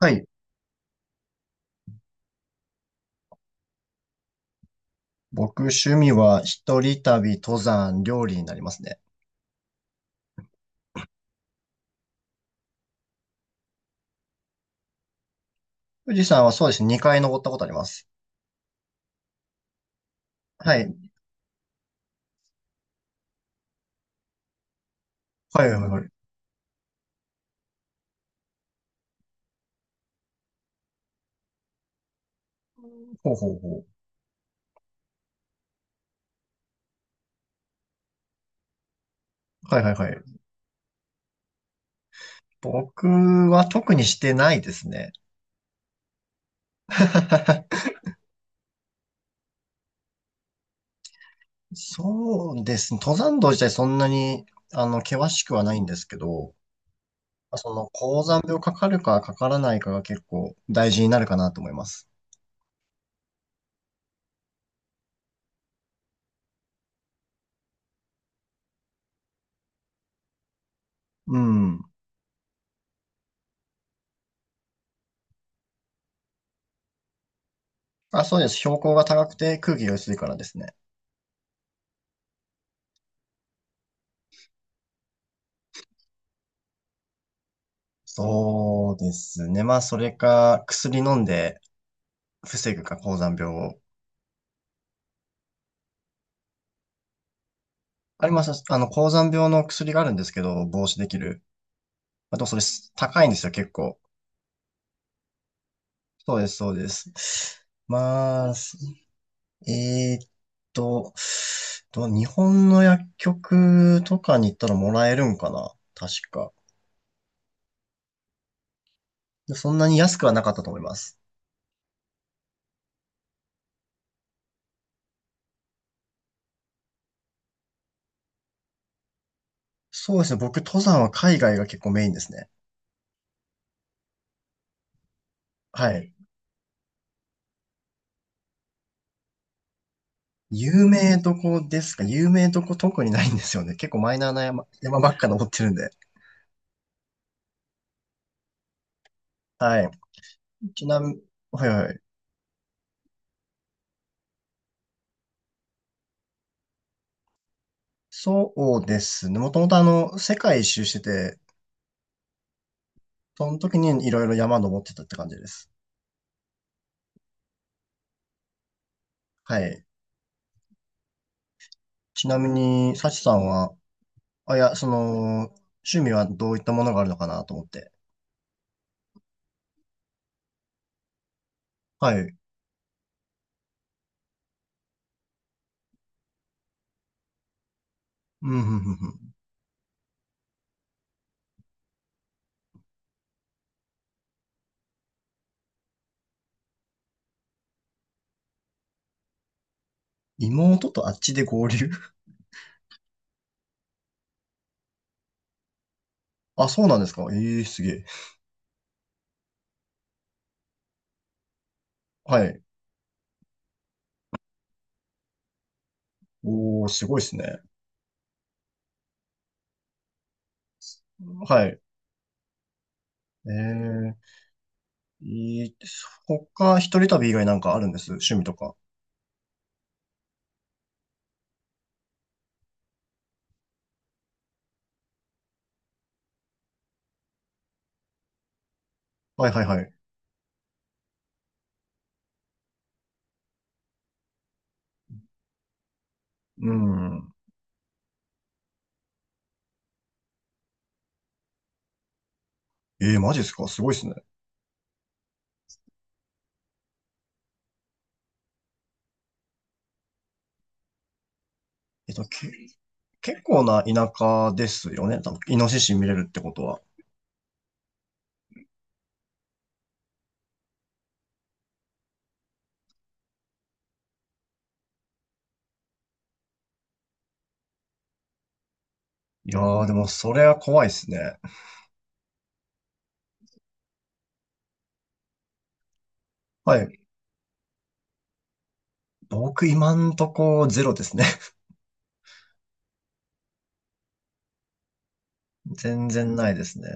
はい。僕、趣味は一人旅、登山、料理になりますね。富士山はそうですね、2回登ったことあります。はい。はいはいはい。ほうほうほう。はいはいはい。僕は特にしてないですね。そうですね。登山道自体そんなに、険しくはないんですけど、その、高山病かかるかかからないかが結構大事になるかなと思います。うん。あ、そうです。標高が高くて空気が薄いからですね。そうですね。まあ、それか、薬飲んで防ぐか、高山病を。あります。あの、高山病の薬があるんですけど、防止できる。まあと、それ高いんですよ、結構。そうです、そうです。まあ、すえーっと、日本の薬局とかに行ったらもらえるんかな確か。でそんなに安くはなかったと思います。そうですね。僕、登山は海外が結構メインですね。はい。有名どこですか？有名どこ特にないんですよね。結構マイナーな山ばっか登ってるんで。はい。ちなみに、はいはい。そうですね。もともと世界一周してて、その時にいろいろ山登ってたって感じです。はい。ちなみに、サチさんは、あ、いや、その、趣味はどういったものがあるのかなと思って。はい。うん、うん、うん、うん。妹とあっちで合流？ あ、そうなんですか？ええー、すげえ。はい。おー、すごいですね。はい。ええ、いいです、他、一人旅以外なんかあるんです？趣味とか。はいはいはい。うん。ええー、マジですか？すごいですね。えっと、け、結構な田舎ですよね。多分、イノシシ見れるってことは。いやー、でも、それは怖いですね。はい。僕、今んとこ、ゼロですね。全然ないですね。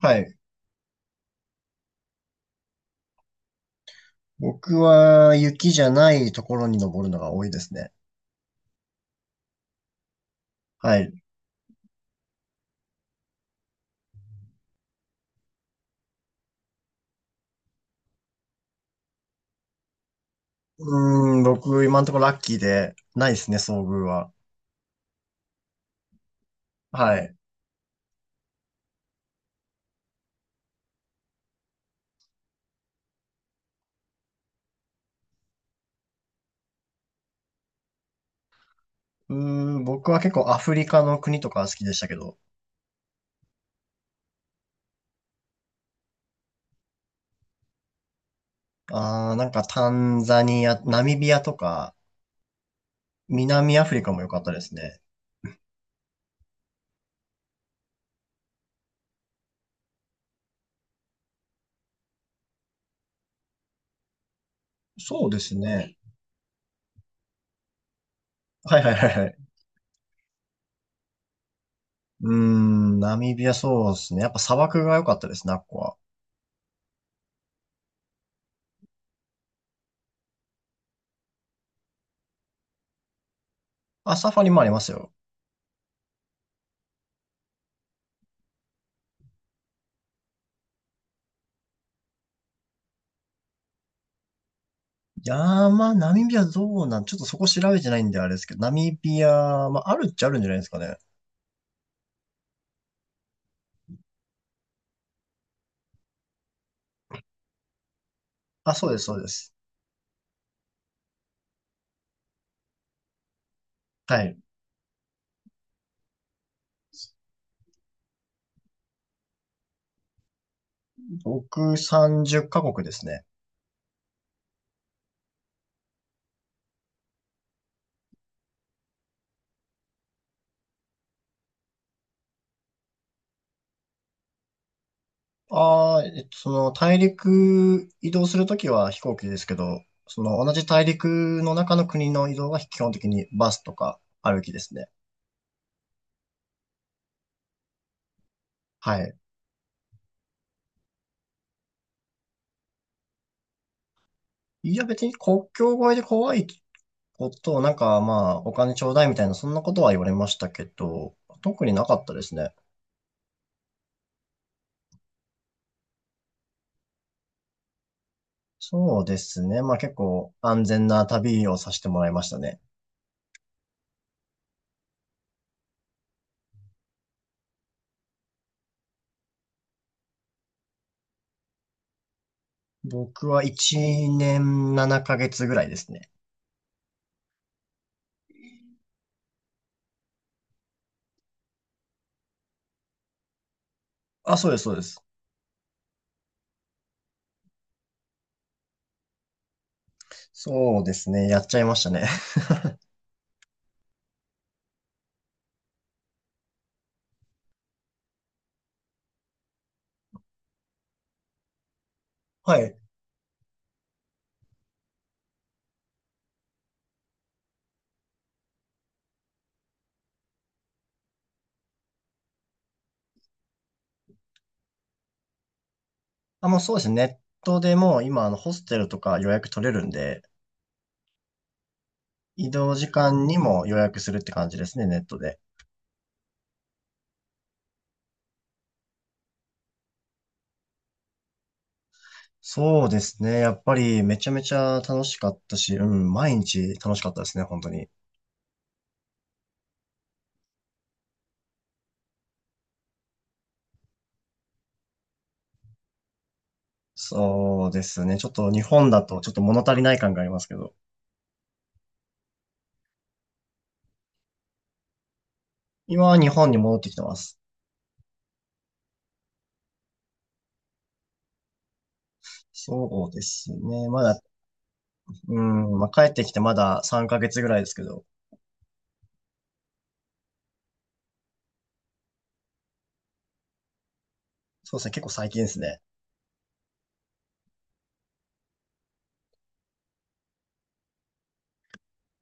はい。僕は、雪じゃないところに登るのが多いですね。はい。うーん、僕、今んとこラッキーで、ないですね、遭遇は。はい。うーん、僕は結構アフリカの国とか好きでしたけど、あー、なんかタンザニア、ナミビアとか、南アフリカも良かったですね。そうですね。はいはいはいはい。うーん、ナミビアそうですね。やっぱ砂漠が良かったですね、あっこは。あ、サファリもありますよ。山、ナミビアどうなん、ちょっとそこ調べてないんであれですけど、ナミビア、まあ、あるっちゃあるんじゃないですかね。あ、そうです、そうです。はい。僕30カ国ですね。ああ、その大陸移動するときは飛行機ですけど、その同じ大陸の中の国の移動は基本的にバスとか歩きですね。はい。いや、別に国境越えで怖いこと、なんかまあ、お金ちょうだいみたいな、そんなことは言われましたけど、特になかったですね。そうですね。まあ結構安全な旅をさせてもらいましたね。僕は1年7ヶ月ぐらいですね。あ、そうです、そうです。そうですね。やっちゃいましたね。はい。あ、もうそうですね。ネットでもう今、ホステルとか予約取れるんで、移動時間にも予約するって感じですね、ネットで。そうですね。やっぱりめちゃめちゃ楽しかったし、うん、毎日楽しかったですね、本当に。そうですね。ちょっと日本だとちょっと物足りない感がありますけど、今は日本に戻ってきてます。そうですね。まだ、うん、まあ、帰ってきてまだ3ヶ月ぐらいですけど、そうですね。結構最近ですね。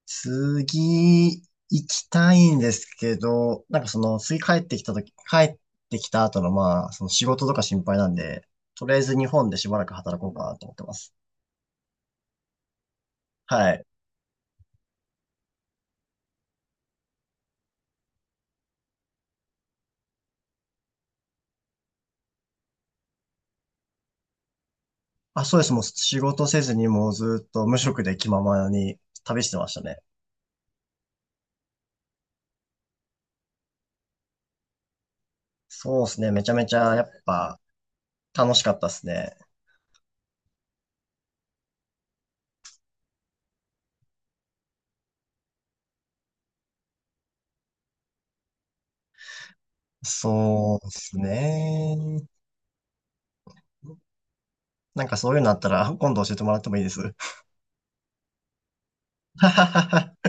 次、行きたいんですけど、なんかその、次帰ってきたとき、帰ってきた後の、まあ、その仕事とか心配なんで、とりあえず日本でしばらく働こうかなと思ってます。はい。あ、そうです。もう仕事せずにもうずっと無職で気ままに旅してましたね。そうですね。めちゃめちゃやっぱ楽しかったですね。そうですね。なんかそういうのあったら今度教えてもらってもいいです？